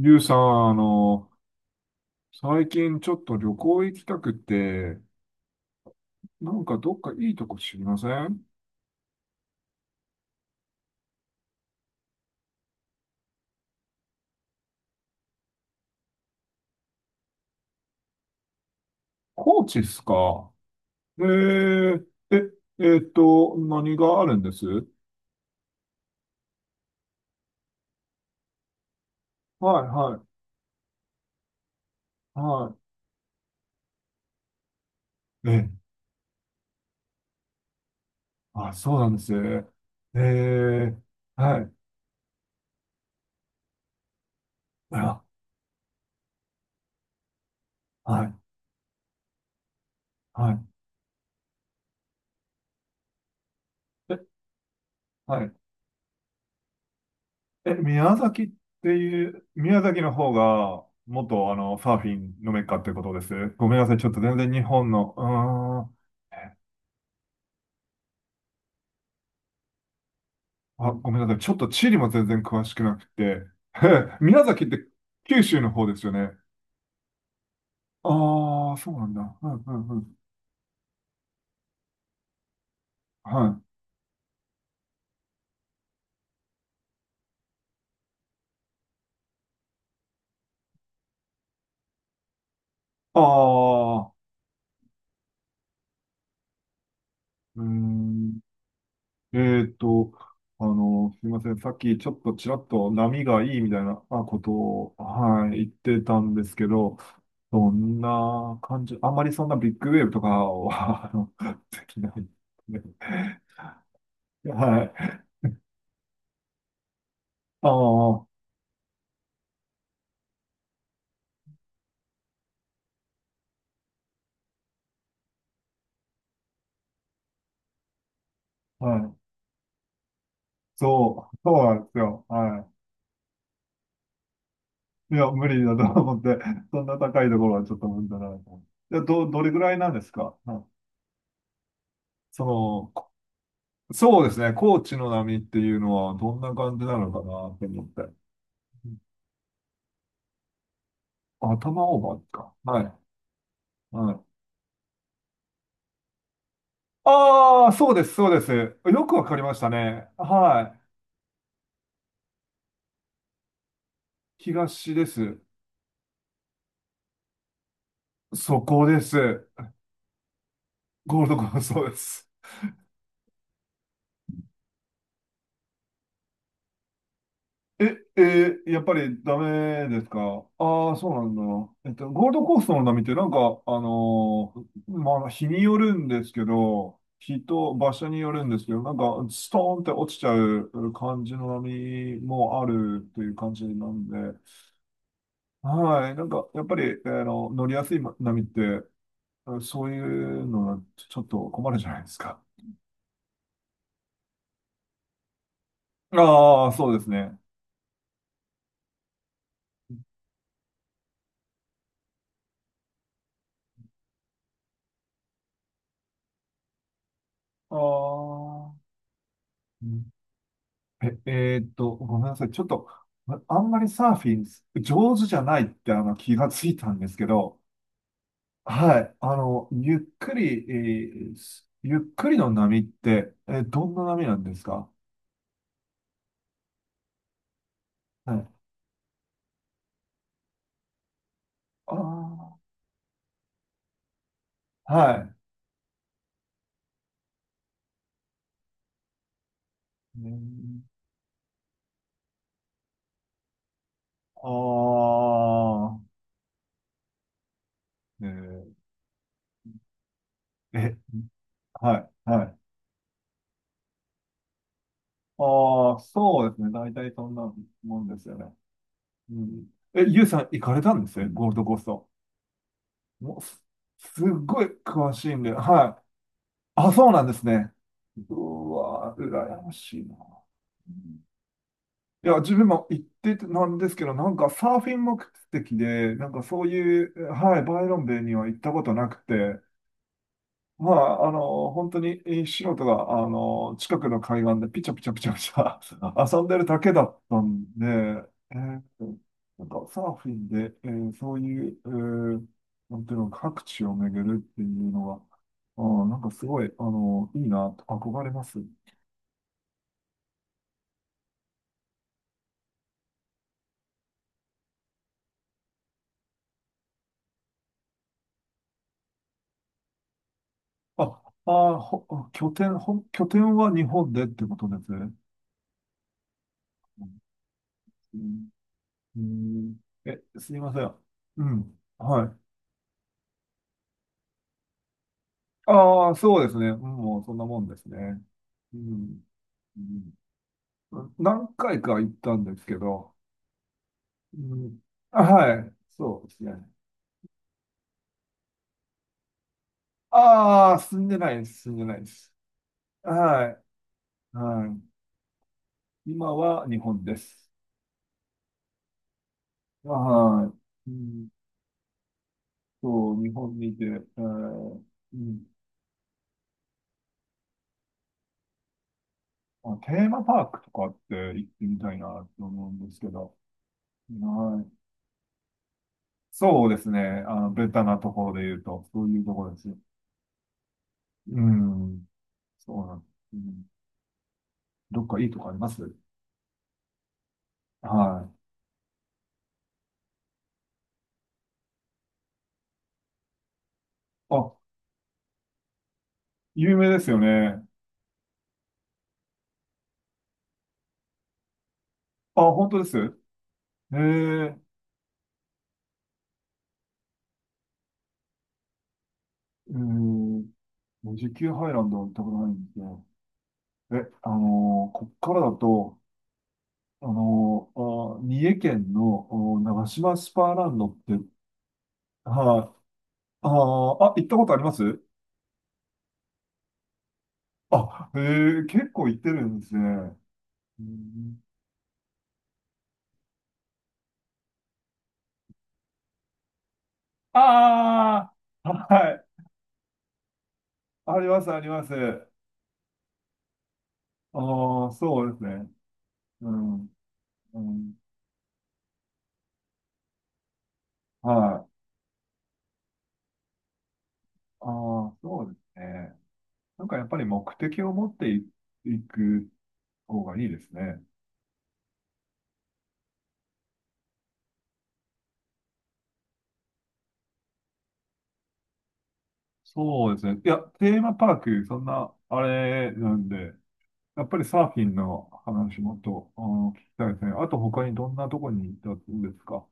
リュウさん、最近ちょっと旅行行きたくて、なんかどっかいいとこ知りません？高知っすか？えー、え、えーっと、何があるんです？はい、はい、はい。え、あ、そうなんですね。えー、はい、あ、はい、はい。え、はい。え、宮崎っていう、宮崎の方が、元サーフィンのメッカってことです？ごめんなさい、ちょっと全然日本の、うーん。あ、ごめんなさい。ちょっと地理も全然詳しくなくて。宮崎って九州の方ですよね？ああ、そうなんだ。うんうんうん。はい。ああ、うーん。えっと、すいません。さっきちらっと波がいいみたいなあことを、はい、言ってたんですけど、どんな感じ、あんまりそんなビッグウェーブとかは、できない。はい。ああ、はい。そうなんですよ。はい。いや、無理だと思って、そんな高いところはちょっと無理だなと思って。じゃあどれぐらいなんですか？うん。その、こそうですね、高知の波っていうのはどんな感じなのかなって思って。頭オーバーか。はい。はい。ああ、そうです。よくわかりましたね。はい。東です。そこです。ゴールドコーストです。え、えー、やっぱりダメですか？ああー、そうなんだ。えっと、ゴールドコーストの波ってなんか、まあ、日によるんですけど、日と場所によるんですけど、なんか、ストーンって落ちちゃう感じの波もあるという感じなんで、はい、なんか、やっぱり、乗りやすい波って、そういうのはちょっと困るじゃないですか。ああ、そうですね。ああ、うん。え、えーっと、ごめんなさい。ちょっと、ああんまりサーフィン上手じゃないって気がついたんですけど、はい。ゆっくりの波って、どんな波なんですか？はい。ああ、はい。うん。ああ、えー、え、はい、はい。ああ、そうですね。大体そんなもんですよね。うん。え、ゆうさん行かれたんですね、ゴールドコースト。もうすすっごい詳しいんで、はい。あ、そうなんですね。うわ、羨ましいな。うん。いや、自分も行っててなんですけど、なんかサーフィン目的で、なんかそういう、はい、バイロンベイには行ったことなくて、まあ、本当に素人が、近くの海岸でピチャピチャピチャピチャ 遊んでるだけだったんで、えーなんかサーフィンで、えーそういう、えーなんていうの、各地を巡るっていうのは、なんかすごい、いいな、と憧れます。あ、あー、ほ、拠点、ほ、拠点は日本でってことですね。うん、うん。え、すいません。うん。はい。ああ、そうですね。うん、もうそんなもんですね。うん、うん。何回か行ったんですけど、うん、あ、はい、そうですね。ああ、住んでないです。はい、はい。今は日本です。はい。うん、そう、日本にいて、えー、うん、あ、テーマパークとかって行ってみたいなと思うんですけど、はい。そうですね。ベタなところで言うと、そういうところです。うん。そうなん、うん。どっかいいとこあります？はい。あ、有名ですよね。あ、本当です？ええ、うん。富士急ハイランドは行ったことないんですよ。え、こっからだと、あのー三重県のお長島スパーランドって、はい。あー、あ、行ったことあります？あ、ええ、結構行ってるんですね。うん、ああ、はい。あります、あります。ああ、そうですね。うん。うん。はい。ああ、そうですね。なんかやっぱり目的を持っていく方がいいですね。そうですね。いや、テーマパーク、そんな、あれなんで、やっぱりサーフィンの話もっと、聞きたいですね。あと他にどんなとこに行ったんですか？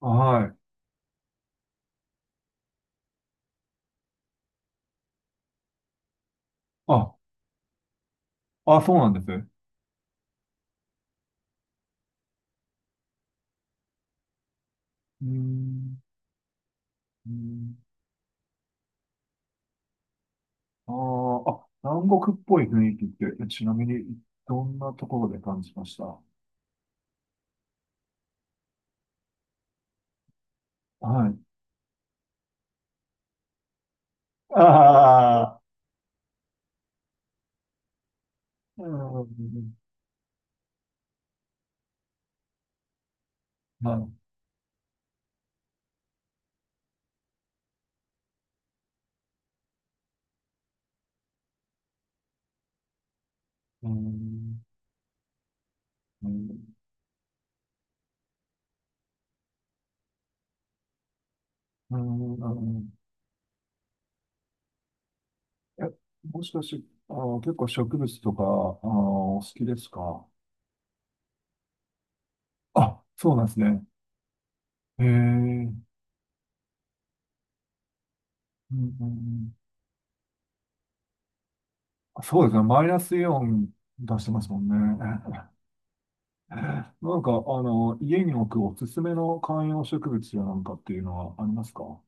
はい。あ、あ、そうなんですね。うーん。うーん。あーあ、南国っぽい雰囲気って、ちなみにどんなところで感じました？はい。ああ、うん。はい。うん、うん、うん、え、もしかし、結構植物とか、お好きですか？あ、そうなんですね。へえ、うん、うん、そうですね。マイナスイオン出してますもんね。なんか、家に置くおすすめの観葉植物やなんかっていうのはありますか？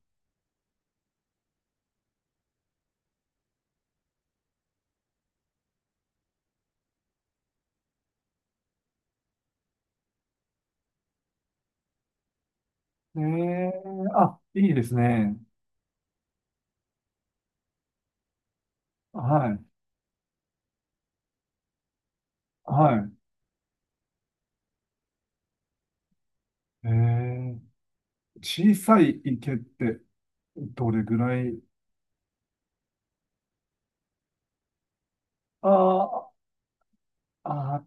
ええ、あ、いいですね。はい、はい。ええ、小さい池ってどれぐらい？ああ、あ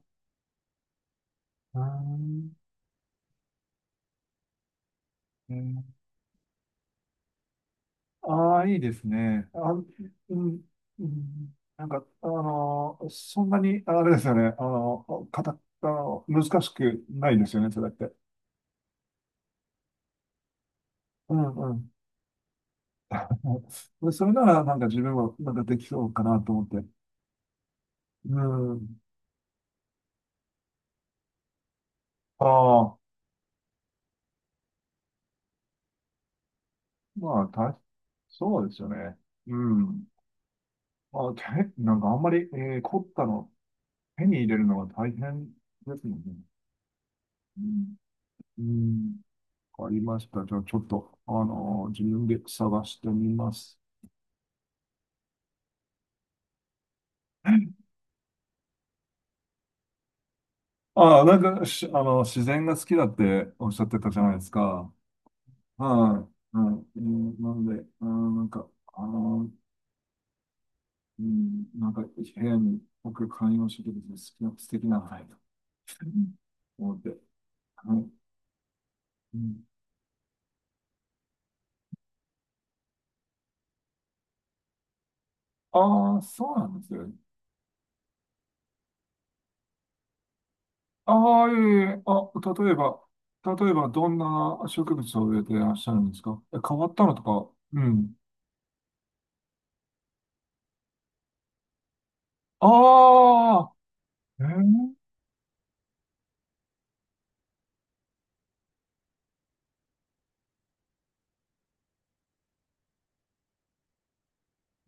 あー、うん、ああ、いいですね。あ、うん、うん、なんか、そんなに、あれですよね。あの、かた、あの、難しくないですよね、それって。うんうん。でそれなら、なんか自分も、なんかできそうかなと思って。うん。ああ、まあ、た、そうですよね。うん。まあ、手、なんかあんまり、凝ったの、手に入れるのが大変ですもんね。うん。うん。わかりました。じゃあ、ちょっと、あの、自分で探してみます。ああ、なんか、し、あの、自然が好きだっておっしゃってたじゃないですか。はい。はい。うん、なので、あの、部屋に僕観葉植物の好きな、素敵なのないと思って。はい。うん。ああ、そうなんですよ。ああ、いえいえ、あ、例えば、例えば、どんな植物を植えていらっしゃるんですか？え、変わったのとか、うん。ああ、えー、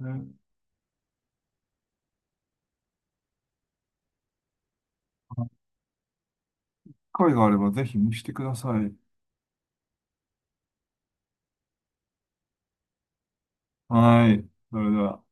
えー、機会があればぜひ見してください。はい。それでは。